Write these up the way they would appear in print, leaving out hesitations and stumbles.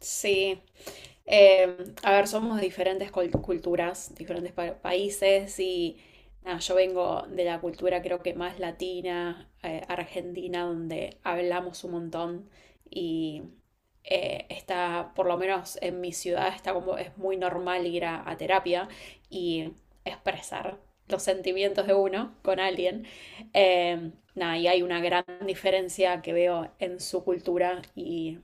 Sí. Eh, a ver, somos de diferentes culturas, diferentes países y nada, yo vengo de la cultura creo que más latina, argentina, donde hablamos un montón y está, por lo menos en mi ciudad, está como es muy normal ir a terapia y expresar los sentimientos de uno con alguien. Nada, y hay una gran diferencia que veo en su cultura y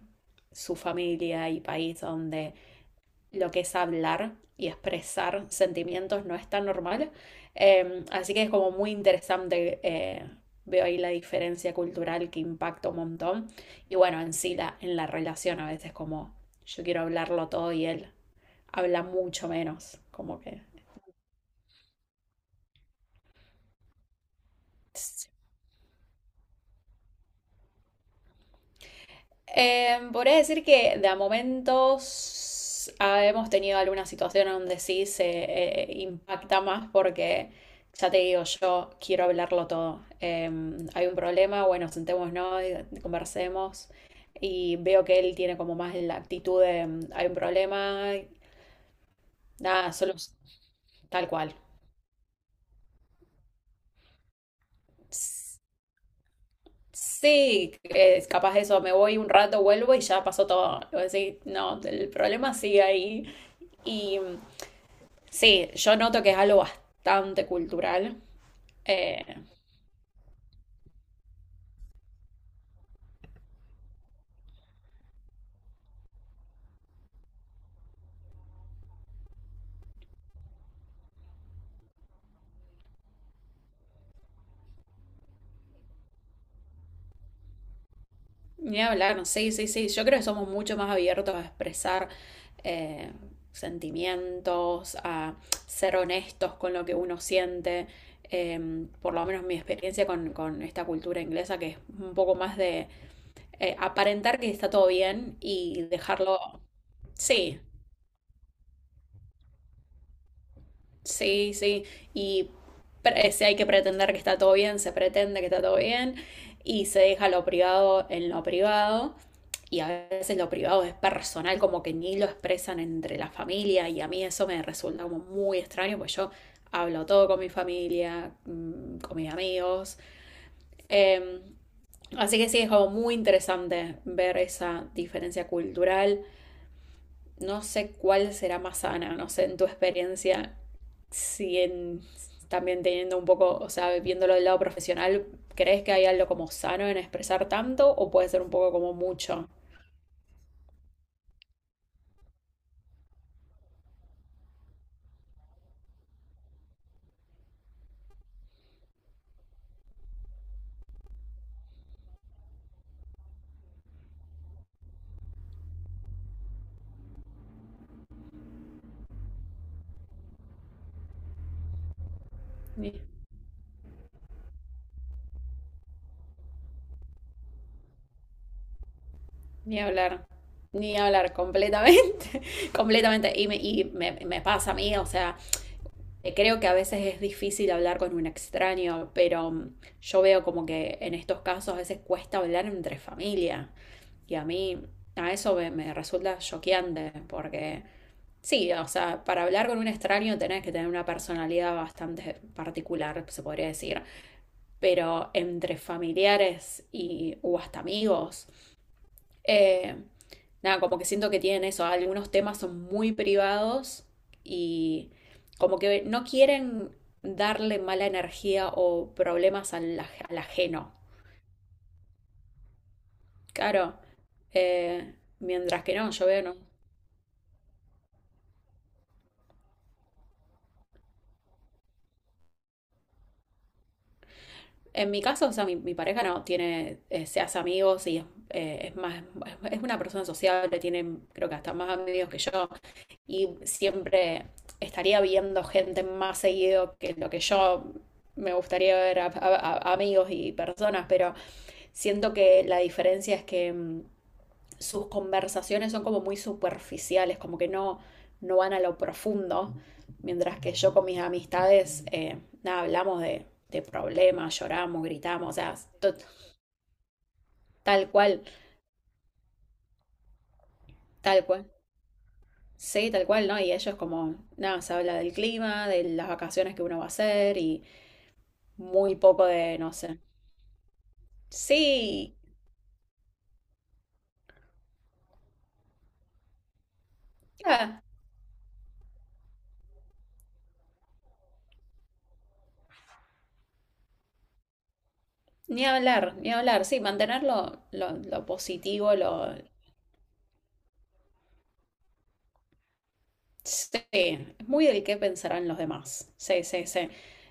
su familia y país donde lo que es hablar y expresar sentimientos no es tan normal. Así que es como muy interesante. Veo ahí la diferencia cultural que impacta un montón. Y bueno, en sí, en la relación a veces como yo quiero hablarlo todo y él habla mucho menos. Como que podría decir que de a momentos hemos tenido alguna situación donde sí se impacta más porque ya te digo, yo quiero hablarlo todo. Hay un problema, bueno, sentémonos, y conversemos y veo que él tiene como más la actitud de hay un problema, nada, solo tal cual. S- Sí, es capaz de eso, me voy un rato, vuelvo y ya pasó todo. Voy a decir, no, el problema sigue ahí. Y sí, yo noto que es algo bastante cultural. Eh, Ni hablar, no, sí, sí, sí. Yo creo que somos mucho más abiertos a expresar eh, sentimientos, a ser honestos con lo que uno siente. Por lo menos mi experiencia con esta cultura inglesa, que es un poco más de aparentar que está todo bien y dejarlo. Sí, sí, sí. Y si hay que pretender que está todo bien, se pretende que está todo bien y se deja lo privado en lo privado. Y a veces lo privado es personal, como que ni lo expresan entre la familia y a mí eso me resulta como muy extraño, pues yo hablo todo con mi familia, con mis amigos. Em, Así que sí, es como muy interesante ver esa diferencia cultural, no sé cuál será más sana, no sé en tu experiencia, si en, también teniendo un poco, o sea, viéndolo del lado profesional, ¿crees que hay algo como sano en expresar tanto o puede ser un poco como mucho? Ni, ni hablar, ni hablar completamente, completamente. Y me pasa a mí, o sea, creo que a veces es difícil hablar con un extraño, pero yo veo como que en estos casos a veces cuesta hablar entre familia. Y a mí, a eso me resulta choqueante, porque sí, o sea, para hablar con un extraño tenés que tener una personalidad bastante particular, se podría decir. Pero entre familiares y, o hasta amigos, eh, nada, como que siento que tienen eso, algunos temas son muy privados y como que no quieren darle mala energía o problemas al ajeno. Claro, mientras que no, yo veo, no. En mi caso, o sea, mi pareja no tiene, se hace amigos y es más, es una persona sociable, tiene creo que hasta más amigos que yo. Y siempre estaría viendo gente más seguido que lo que yo me gustaría ver a, amigos y personas, pero siento que la diferencia es que sus conversaciones son como muy superficiales, como que no, no van a lo profundo, mientras que yo con mis amistades, nada, hablamos de problemas, lloramos, gritamos, o sea, to- tal cual, tal cual. Sí, tal cual, ¿no? Y ellos como, nada, se habla del clima, de las vacaciones que uno va a hacer y muy poco de, no sé. Sí, ah, ni hablar, ni hablar. Sí, mantenerlo lo positivo, lo... Sí, es muy del qué pensarán los demás. Sí, sí, sí.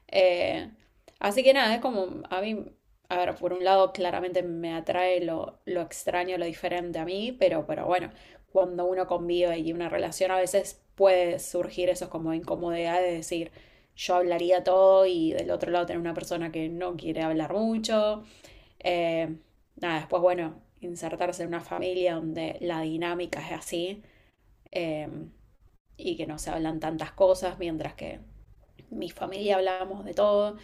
Eh, Así que nada, es como a mí, a ver, por un lado claramente me atrae lo extraño, lo diferente a mí, pero bueno, cuando uno convive y una relación a veces puede surgir esos como incomodidades de decir, yo hablaría todo y del otro lado tener una persona que no quiere hablar mucho. Eh, Nada, después, bueno, insertarse en una familia donde la dinámica es así, eh, y que no se hablan tantas cosas, mientras que mi familia hablamos de todo.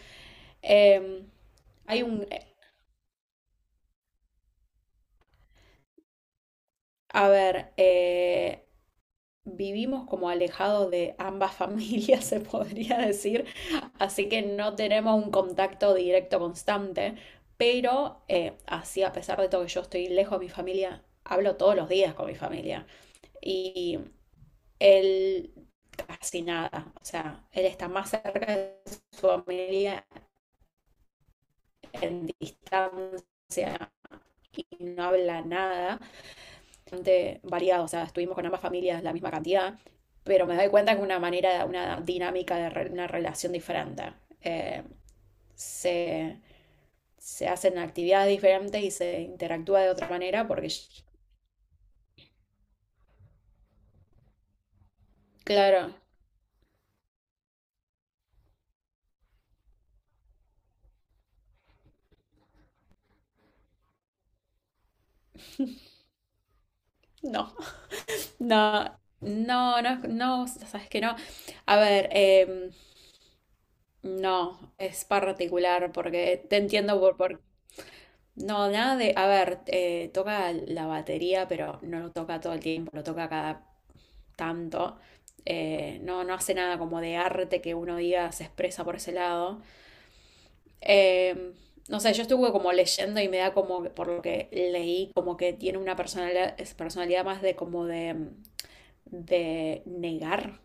Eh, hay un, a ver, vivimos como alejados de ambas familias, se podría decir, así que no tenemos un contacto directo constante, pero así a pesar de todo que yo estoy lejos de mi familia, hablo todos los días con mi familia y él casi nada. O sea, él está más cerca de su familia en distancia y no habla nada. Bastante variado, o sea, estuvimos con ambas familias la misma cantidad, pero me doy cuenta que una manera, una dinámica de una relación diferente. Eh, se, se hacen actividades diferentes y se interactúa de otra manera porque, claro, no, no, no, no, no, sabes que no. A ver, no, es particular porque te entiendo por... No, nada de... A ver, toca la batería, pero no lo toca todo el tiempo, lo toca cada tanto. No, no hace nada como de arte que uno diga se expresa por ese lado. Eh, no sé, yo estuve como leyendo y me da como, que por lo que leí, como que tiene una personalidad, es personalidad más de como de negar.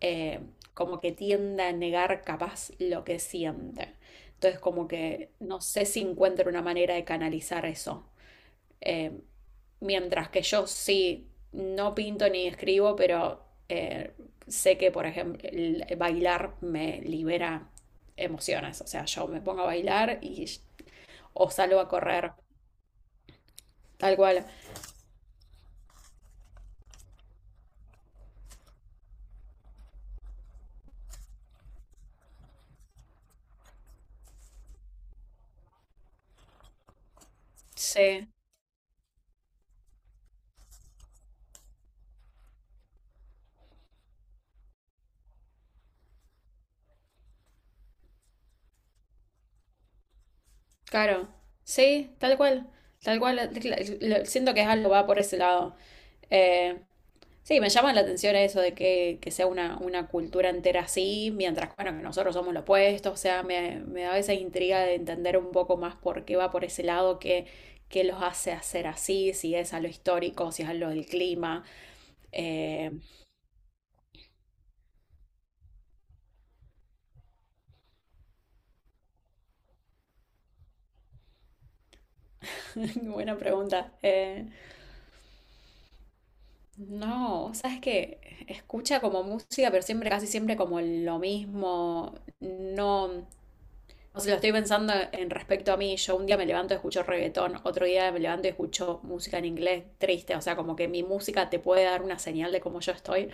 eh, Como que tiende a negar capaz lo que siente. Entonces como que no sé si encuentro una manera de canalizar eso. Eh, Mientras que yo sí, no pinto ni escribo, pero sé que, por ejemplo, el bailar me libera emociones. O sea, yo me pongo a bailar y o salgo a correr, tal cual. Sí. Claro, sí, tal cual, siento que es algo va por ese lado. Eh, sí, me llama la atención eso de que sea una cultura entera así, mientras, bueno, que nosotros somos lo opuesto, o sea, me da esa intriga de entender un poco más por qué va por ese lado, qué, qué los hace hacer así, si es a lo histórico, si es a lo del clima. Eh, buena pregunta. No, sabes que escucha como música, pero siempre, casi siempre como lo mismo. No, o sea, lo estoy pensando en respecto a mí. Yo un día me levanto y escucho reggaetón, otro día me levanto y escucho música en inglés triste. O sea, como que mi música te puede dar una señal de cómo yo estoy,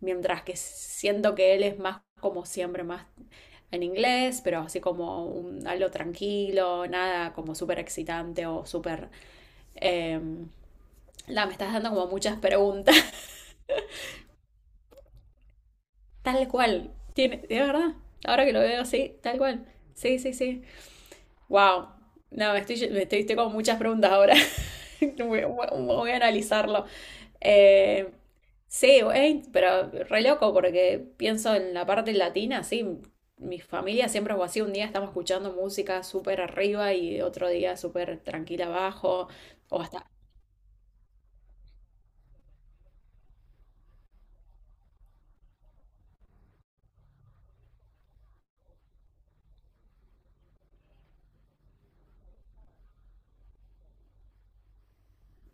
mientras que siento que él es más como siempre, más en inglés, pero así como algo tranquilo, nada como súper excitante o súper... em, me estás dando como muchas preguntas. Tal cual. Tiene, de verdad. Ahora que lo veo, sí, tal cual. Sí, sí, sí. Wow. No, estoy con muchas preguntas ahora. Voy a analizarlo. Eh, sí, güey, pero re loco porque pienso en la parte latina, sí. Mi familia siempre fue así. Un día estamos escuchando música súper arriba y otro día súper tranquila abajo. O hasta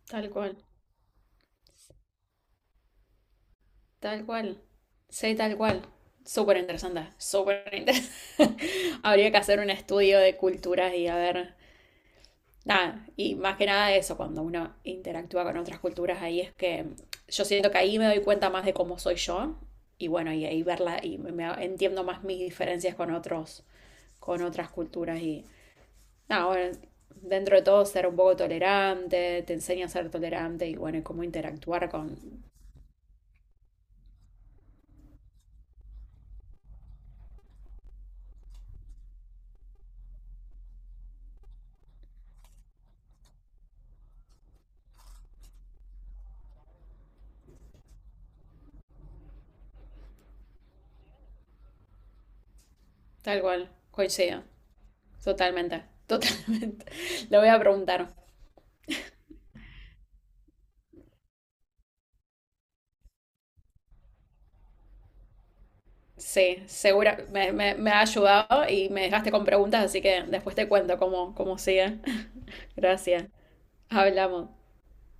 tal cual. Tal cual. Sí, tal cual. Súper interesante, súper interesante. Habría que hacer un estudio de culturas y a ver, nada, y más que nada eso, cuando uno interactúa con otras culturas, ahí es que yo siento que ahí me doy cuenta más de cómo soy yo y bueno, y ahí verla y entiendo más mis diferencias con otros, con otras culturas y nada, bueno, dentro de todo ser un poco tolerante, te enseña a ser tolerante y bueno, y cómo interactuar con tal cual, coincido. Totalmente, totalmente. Lo voy a preguntar. Sí, segura, me ha ayudado y me dejaste con preguntas, así que después te cuento cómo, cómo sigue. Gracias. Hablamos.